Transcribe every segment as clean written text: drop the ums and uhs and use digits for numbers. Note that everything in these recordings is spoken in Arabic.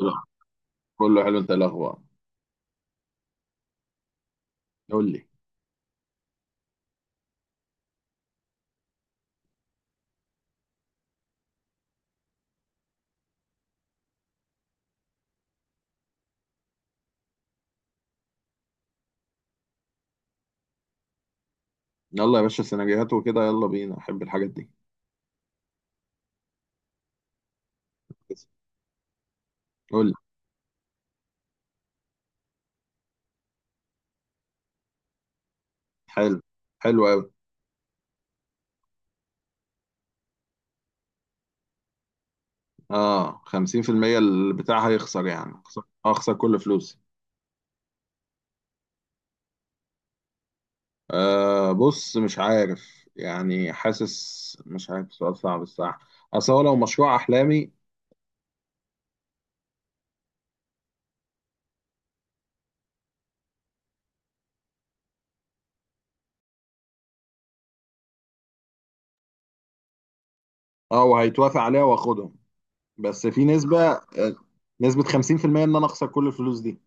لا، كله حلو. انت إيه الاخبار؟ قول لي. يلا يا باشا، سيناريوهات وكده، يلا بينا، احب الحاجات دي. قول لي. حلو. حلو قوي. اه، 50% البتاع هيخسر، يعني هخسر كل فلوسي. آه بص، مش عارف يعني، حاسس مش عارف، سؤال صعب الصراحه. اصل هو لو مشروع احلامي. اه، وهيتوافق عليها واخدهم، بس في نسبه 50% ان انا اخسر كل الفلوس دي.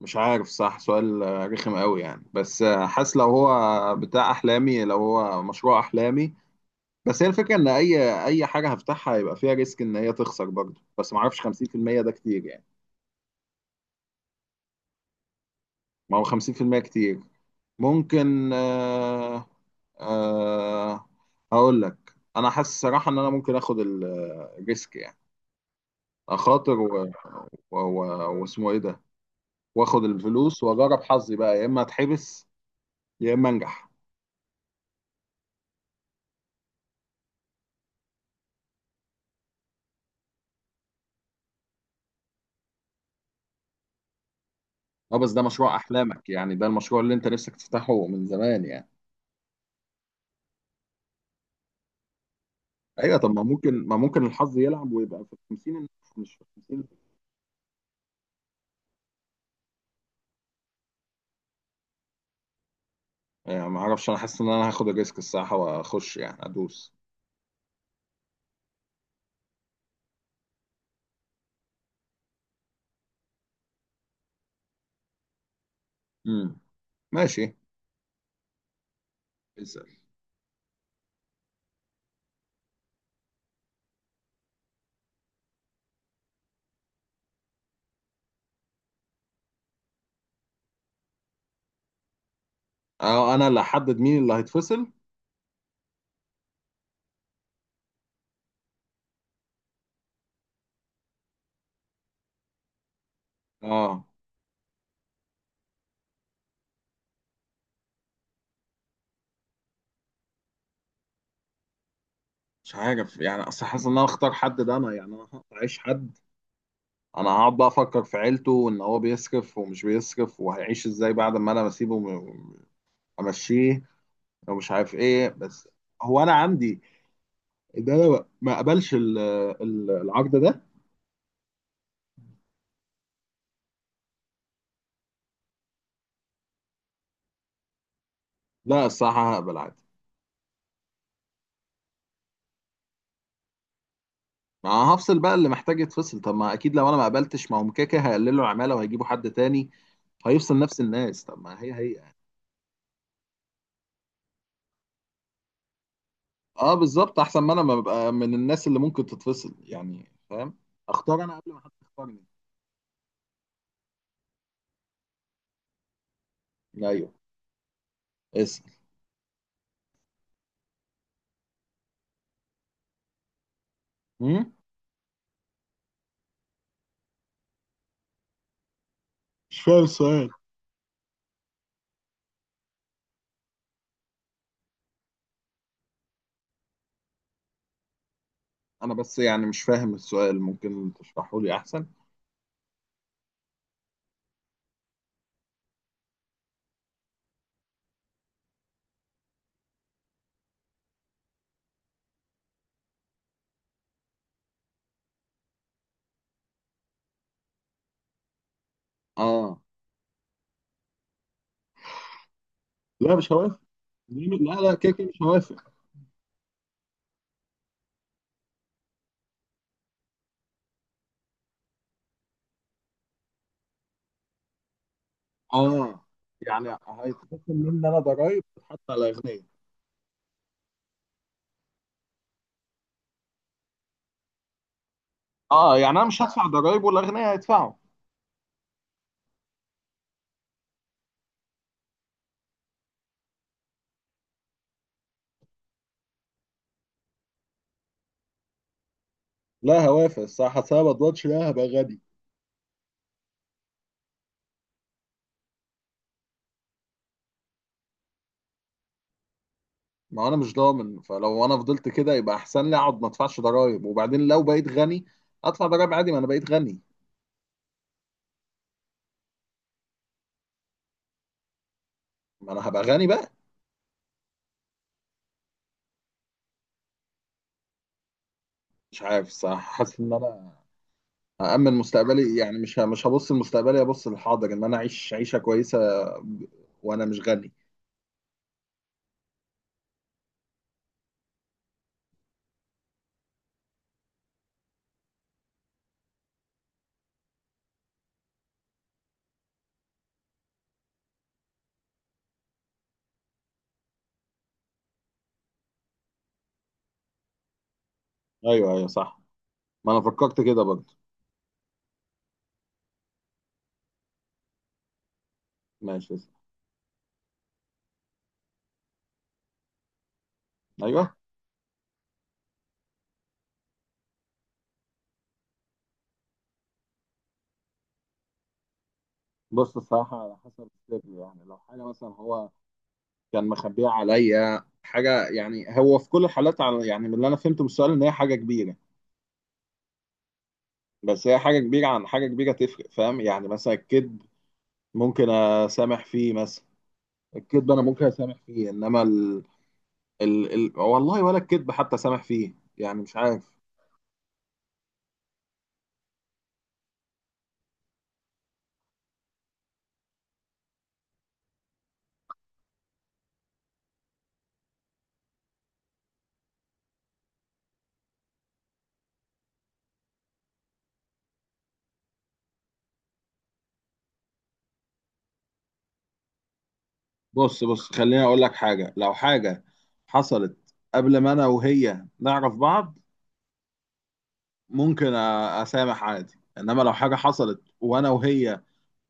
مش عارف، صح؟ سؤال رخم قوي يعني، بس حاسس لو هو بتاع احلامي، لو هو مشروع احلامي. بس هي الفكره ان اي حاجه هفتحها هيبقى فيها ريسك ان هي تخسر برضه، بس ما اعرفش 50% ده كتير يعني. ما هو 50% كتير. ممكن. آه. آه. هقول لك، انا حاسس الصراحه ان انا ممكن اخد الريسك يعني، اخاطر واسمه ايه ده، واخد الفلوس واجرب حظي بقى، يا اما اتحبس يا اما انجح. اه بس ده مشروع احلامك يعني، ده المشروع اللي انت نفسك تفتحه من زمان يعني. ايوه، طب ما ممكن الحظ يلعب ويبقى في 50، مش في 50 يعني. ما اعرفش، انا حاسس ان انا هاخد الريسك الصراحه واخش يعني ادوس. امم ماشي. اسال. اه، انا اللي هحدد مين اللي هيتفصل. اه، مش عارف يعني، اصل حاسس ان انا اختار حد، ده انا يعني انا هعيش حد، انا هقعد بقى افكر في عيلته وان هو بيصرف ومش بيصرف وهيعيش ازاي بعد ما انا بسيبه امشيه، ومش عارف ايه بس. هو انا عندي، ده لو ما قبلش العقد ده. لا، الصراحة هقبل عادي. ما انا هفصل بقى اللي محتاج يتفصل. طب ما اكيد لو انا ما قبلتش، ما هم كده كده هيقللوا العمالة وهيجيبوا حد تاني هيفصل نفس الناس. طب ما هي هي يعني. اه بالظبط، احسن ما انا ما ببقى من الناس اللي ممكن تتفصل يعني، فاهم؟ اختار انا قبل ما حد يختارني. ايوه. اسال. هم؟ مش فاهم السؤال. انا بس يعني مش فاهم السؤال، ممكن تشرحه لي احسن. اه، لا مش هوافق. لا لا، كده كده مش هوافق. اه، يعني هيتخصم مني انا ضرايب تتحط على الاغنياء؟ اه، يعني انا مش هدفع ضرايب والاغنياء هيدفعوا. لا، هوافق الصراحه، أصل انا ما اضمنش لا هبقى غني. ما انا مش ضامن، فلو انا فضلت كده يبقى احسن لي اقعد ما ادفعش ضرايب، وبعدين لو بقيت غني ادفع ضرايب عادي، ما انا بقيت غني. ما انا هبقى غني بقى. مش عارف الصراحه، حاسس ان انا هامن مستقبلي يعني، مش هبص لمستقبلي، ابص للحاضر ان انا اعيش عيشه كويسه. ب- وانا مش غني. ايوه ايوه صح. ما انا فكرت كده برضه. ماشي. ايوه. بص، الصراحة على حسب السر يعني. لو حاجة مثلا هو كان مخبيها عليا حاجة، يعني هو في كل الحالات، على يعني من اللي أنا فهمته من السؤال، إن هي حاجة كبيرة. بس هي حاجة كبيرة عن حاجة كبيرة تفرق، فاهم؟ يعني مثلا الكذب ممكن أسامح فيه مثلا. الكذب أنا ممكن أسامح فيه، إنما والله، ولا الكذب حتى أسامح فيه، يعني مش عارف. بص بص، خليني أقول لك حاجة. لو حاجة حصلت قبل ما أنا وهي نعرف بعض، ممكن اسامح عادي، انما لو حاجه حصلت وانا وهي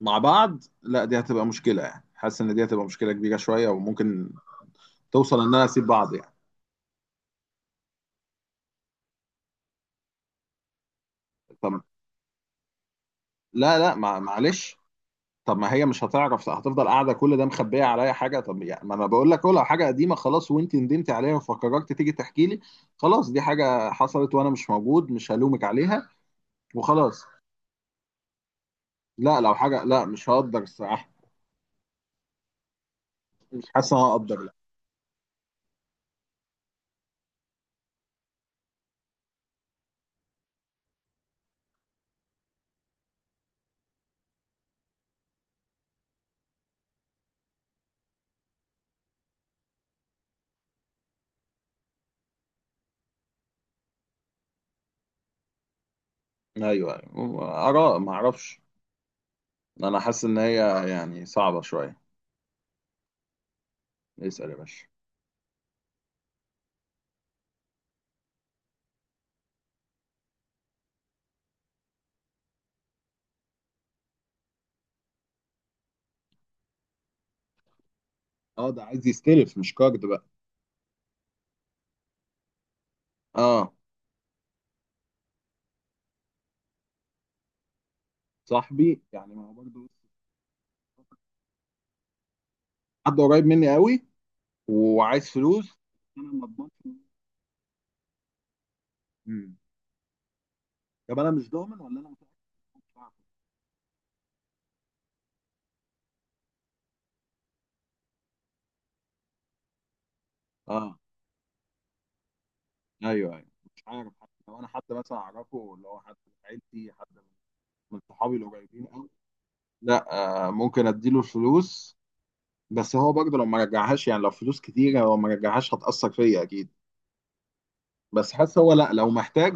مع بعض، لا دي هتبقى مشكله يعني. حاسس ان دي هتبقى مشكله كبيره شويه، وممكن توصل ان انا اسيب بعض يعني. طب لا لا، معلش. طب ما هي مش هتعرف، هتفضل قاعده كل ده مخبيه عليا حاجه. طب يعني ما انا بقول لك أهو، لو حاجه قديمه خلاص وانت ندمت عليها وفكرت تيجي تحكي لي، خلاص دي حاجه حصلت وانا مش موجود، مش هلومك عليها وخلاص. لا، لو حاجه لا مش هقدر الصراحه، مش حاسس ان انا هقدر. لا ايوه أيوة. اراء، ما اعرفش. انا حاسس ان هي يعني صعبة شوية. اسأل يا باشا. اه، ده عايز يستلف مش كارد بقى. اه، صاحبي يعني، ما هو برضه حد قريب مني قوي، وعايز فلوس. انا ما اضمنش. مم. طب انا مش ضامن ولا انا متأكد إن هو مش عارف؟ اه ايوه ايوه. مش عارف حد. لو انا حد مثلا اعرفه اللي هو حد من عيلتي، حد من صحابي القريبين قوي. لا، آه ممكن اديله الفلوس، بس هو برضه لو ما رجعهاش يعني، لو فلوس كتيرة لو ما رجعهاش هتأثر فيا اكيد. بس حاسس هو، لا لو محتاج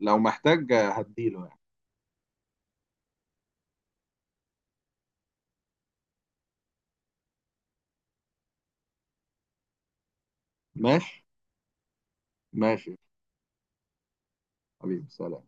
لو محتاج هديله يعني. ماشي. ماشي. حبيبي، سلام.